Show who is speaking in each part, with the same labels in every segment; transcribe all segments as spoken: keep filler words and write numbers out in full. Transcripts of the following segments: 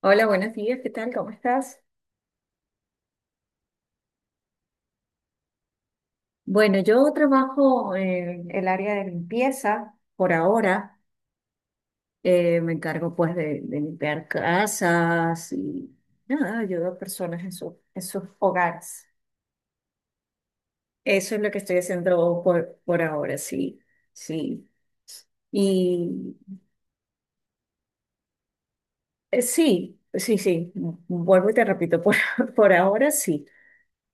Speaker 1: Hola, buenos días, ¿qué tal? ¿Cómo estás? Bueno, yo trabajo en el área de limpieza por ahora. Eh, me encargo pues de, de limpiar casas y nada, ayudo a personas en, su- en sus hogares. Eso es lo que estoy haciendo por, por ahora, sí, sí. Y eh, sí, sí, sí, vuelvo y te repito, por, por ahora sí.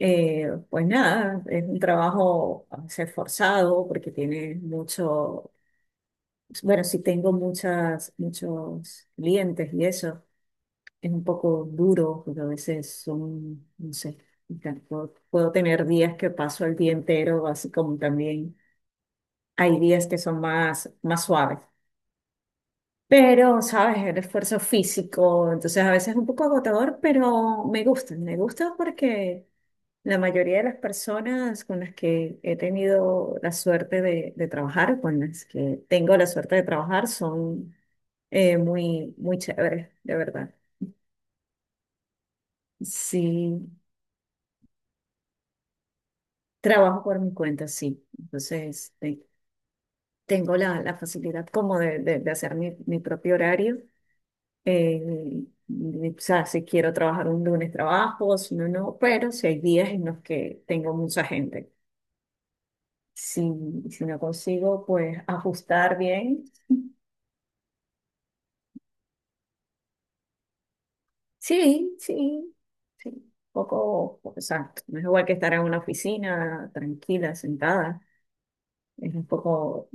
Speaker 1: Eh, pues nada, es un trabajo a veces forzado porque tiene mucho. Bueno, si tengo muchas, muchos clientes y eso es un poco duro, porque a veces son, no sé, tan- puedo, puedo tener días que paso el día entero, así como también hay días que son más, más suaves. Pero ¿sabes? El esfuerzo físico, entonces a veces es un poco agotador, pero me gusta, me gusta porque la mayoría de las personas con las que he tenido la suerte de, de trabajar, con las que tengo la suerte de trabajar, son Eh, muy, muy chévere, de verdad. Sí, trabajo por mi cuenta, sí. Entonces, este, tengo la, la facilidad como de, de- de hacer mi, mi propio horario. Eh, y, o sea, si quiero trabajar un lunes, trabajo, si no, no, pero si hay días en los que tengo mucha gente. Si, si no consigo, pues ajustar bien. Sí, sí, sí. Un poco, exacto. No es igual que estar en una oficina tranquila, sentada. Es un poco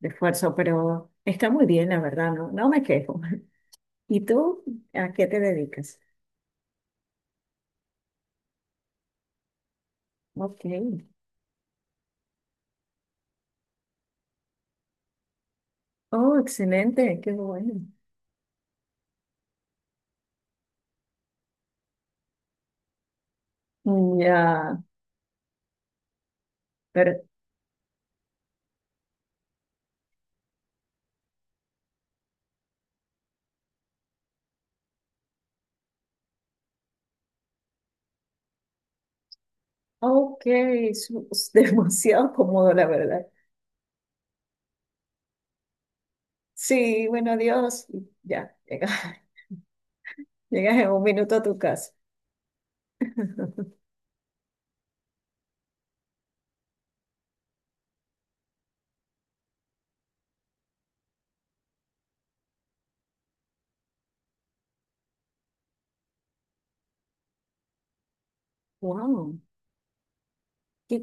Speaker 1: de esfuerzo, pero está muy bien, la verdad, no, no me quejo. ¿Y tú a qué te dedicas? Ok. Oh, excelente, qué bueno. Mm, ya, pero, ok, es, es demasiado cómodo, la verdad. Sí, bueno, adiós. Y ya, llegas, llegas en un minuto a tu casa. Wow, qué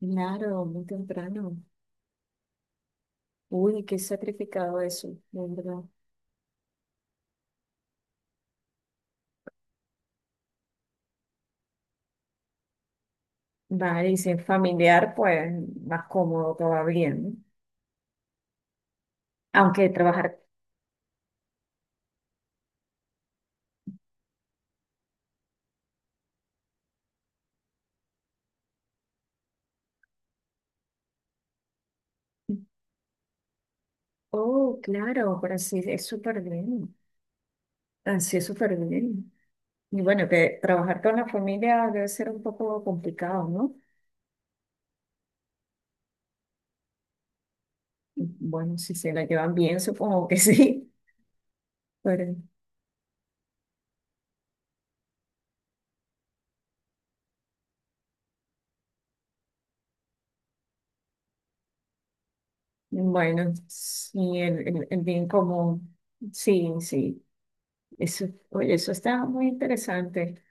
Speaker 1: claro, muy temprano. Uy, qué sacrificado eso, de verdad. Vale, y si es familiar, pues más cómodo todavía, ¿no? Aunque trabajar. Oh, claro, pero sí, es súper bien. Así es súper bien. Y bueno, que trabajar con la familia debe ser un poco complicado, ¿no? Bueno, si se la llevan bien, supongo que sí. Pero bueno, sí, el, el- el bien común. Sí, sí. Eso, oye, eso está muy interesante.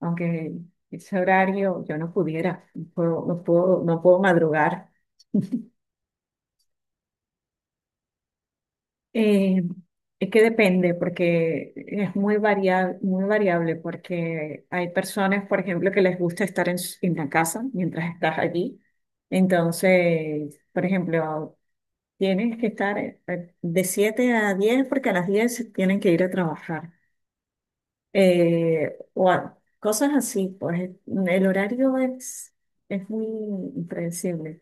Speaker 1: Aunque ese horario yo no pudiera, no puedo, no puedo, no puedo madrugar. Eh, es que depende, porque es muy variable, muy variable, porque hay personas, por ejemplo, que les gusta estar en, s- en la casa mientras estás allí. Entonces, por ejemplo, tienes que estar eh, eh, de siete a diez porque a las diez tienen que ir a trabajar. Eh, o a- cosas así, pues el horario es, es muy impredecible,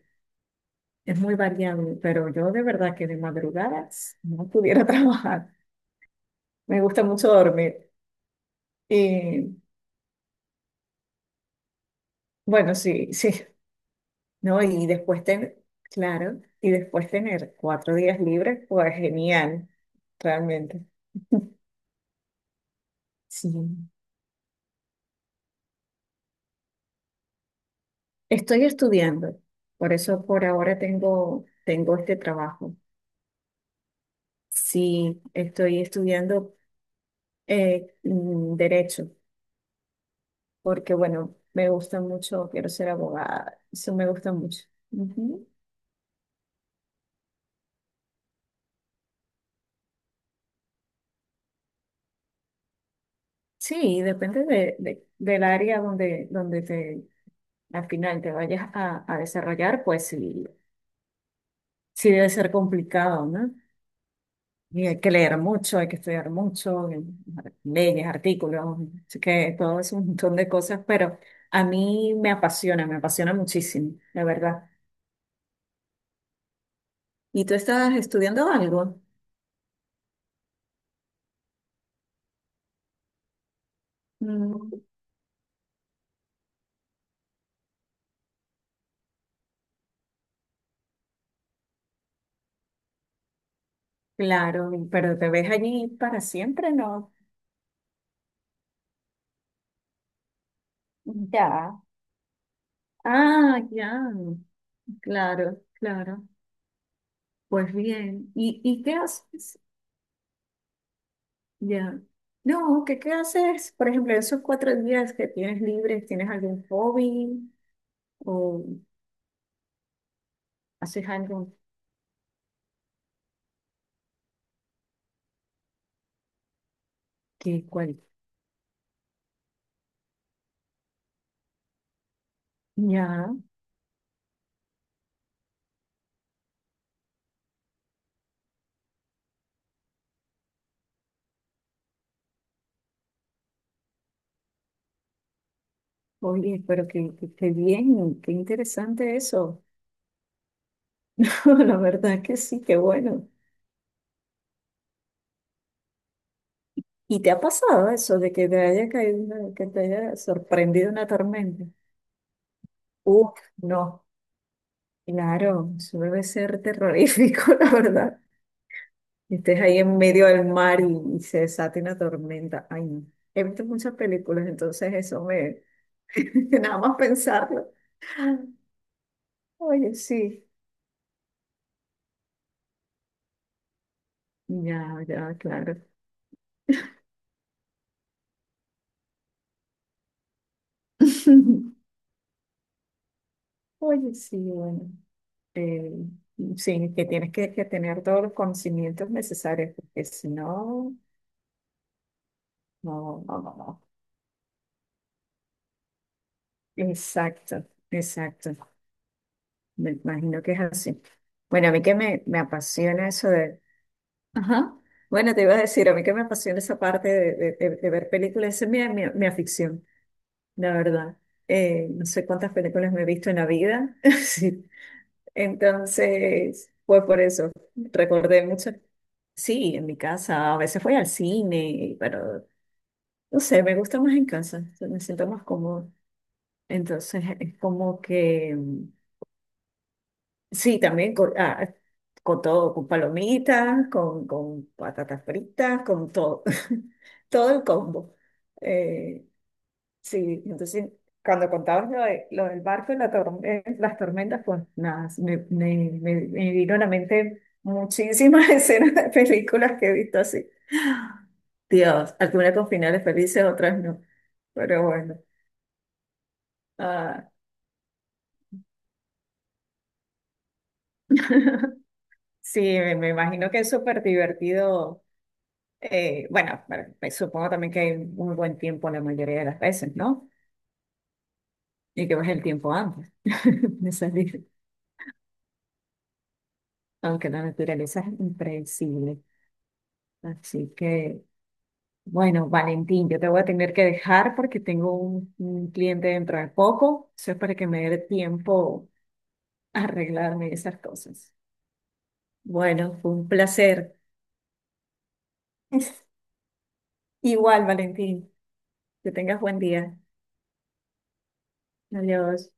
Speaker 1: es muy variable, pero yo de verdad que de madrugadas no pudiera trabajar. Me gusta mucho dormir. Y bueno, sí, sí, ¿no? Y después tener, claro, y después tener cuatro días libres, pues genial, realmente. Sí. Estoy estudiando, por eso por ahora tengo, tengo este trabajo. Sí, estoy estudiando eh, mm, derecho, porque bueno, me gusta mucho, quiero ser abogada, eso me gusta mucho. Ujú. Sí, depende de, de- del área donde, donde te al final te vayas a, a desarrollar, pues sí, sí debe ser complicado, ¿no? Y hay que leer mucho, hay que estudiar mucho, eh, leyes, artículos, así que todo es un montón de cosas, pero a mí me apasiona, me apasiona muchísimo, la verdad. ¿Y tú estás estudiando algo? Mm, claro, pero te ves allí para siempre, ¿no? Ya. Ah, ya, claro, claro. Pues bien. ¿Y, y qué haces? Ya. No, ¿qué, qué haces? Por ejemplo, esos cuatro días que tienes libres, ¿tienes algún hobby o haces algo? ¿Que cual? Ya, oye, pero que, que, qué bien, qué interesante eso. La verdad que sí, qué bueno. ¿Y te ha pasado eso de que te haya caído, una- que te haya sorprendido una tormenta? Uf, no, claro, eso debe ser terrorífico, la verdad. Y estés ahí en medio del mar y, y se desata una tormenta. Ay, no. He visto muchas películas, entonces eso me... Nada más pensarlo. Oye, sí. Ya, ya, claro. Oye, sí, bueno. Eh, sí, que tienes que, que tener todos los conocimientos necesarios, porque si no, no, no, no, no. Exacto, exacto. Me imagino que es así. Bueno, a mí que me, me apasiona eso. Ajá. Bueno, te iba a decir, a mí que me apasiona esa parte de, de- de- de ver películas, esa es mi, mi, mi afición, la verdad. Eh, no sé cuántas películas me he visto en la vida, sí. Entonces, pues por eso, recordé mucho. Sí, en mi casa, a veces voy al cine, pero no sé, me gusta más en casa, me siento más cómodo. Entonces, es como que... Sí, también con, ah, con todo, con palomitas, con, con patatas fritas, con todo, todo el combo. Eh, sí, entonces cuando contabas lo, de- lo del barco y la torme- las tormentas, pues nada, me, me, me, me vino a la mente muchísimas escenas de películas que he visto así. Dios, algunas con finales felices, otras no. Pero bueno, ah, sí, me, me imagino que es súper divertido. Eh, bueno, pero me supongo también que hay un buen tiempo la mayoría de las veces, ¿no? Y que ves el tiempo antes de salir, aunque la naturaleza es impredecible. Así que, bueno, Valentín, yo te voy a tener que dejar porque tengo un, un cliente dentro de poco. Eso es para que me dé tiempo a arreglarme esas cosas. Bueno, fue un placer. Igual, Valentín, que tengas buen día. Adiós.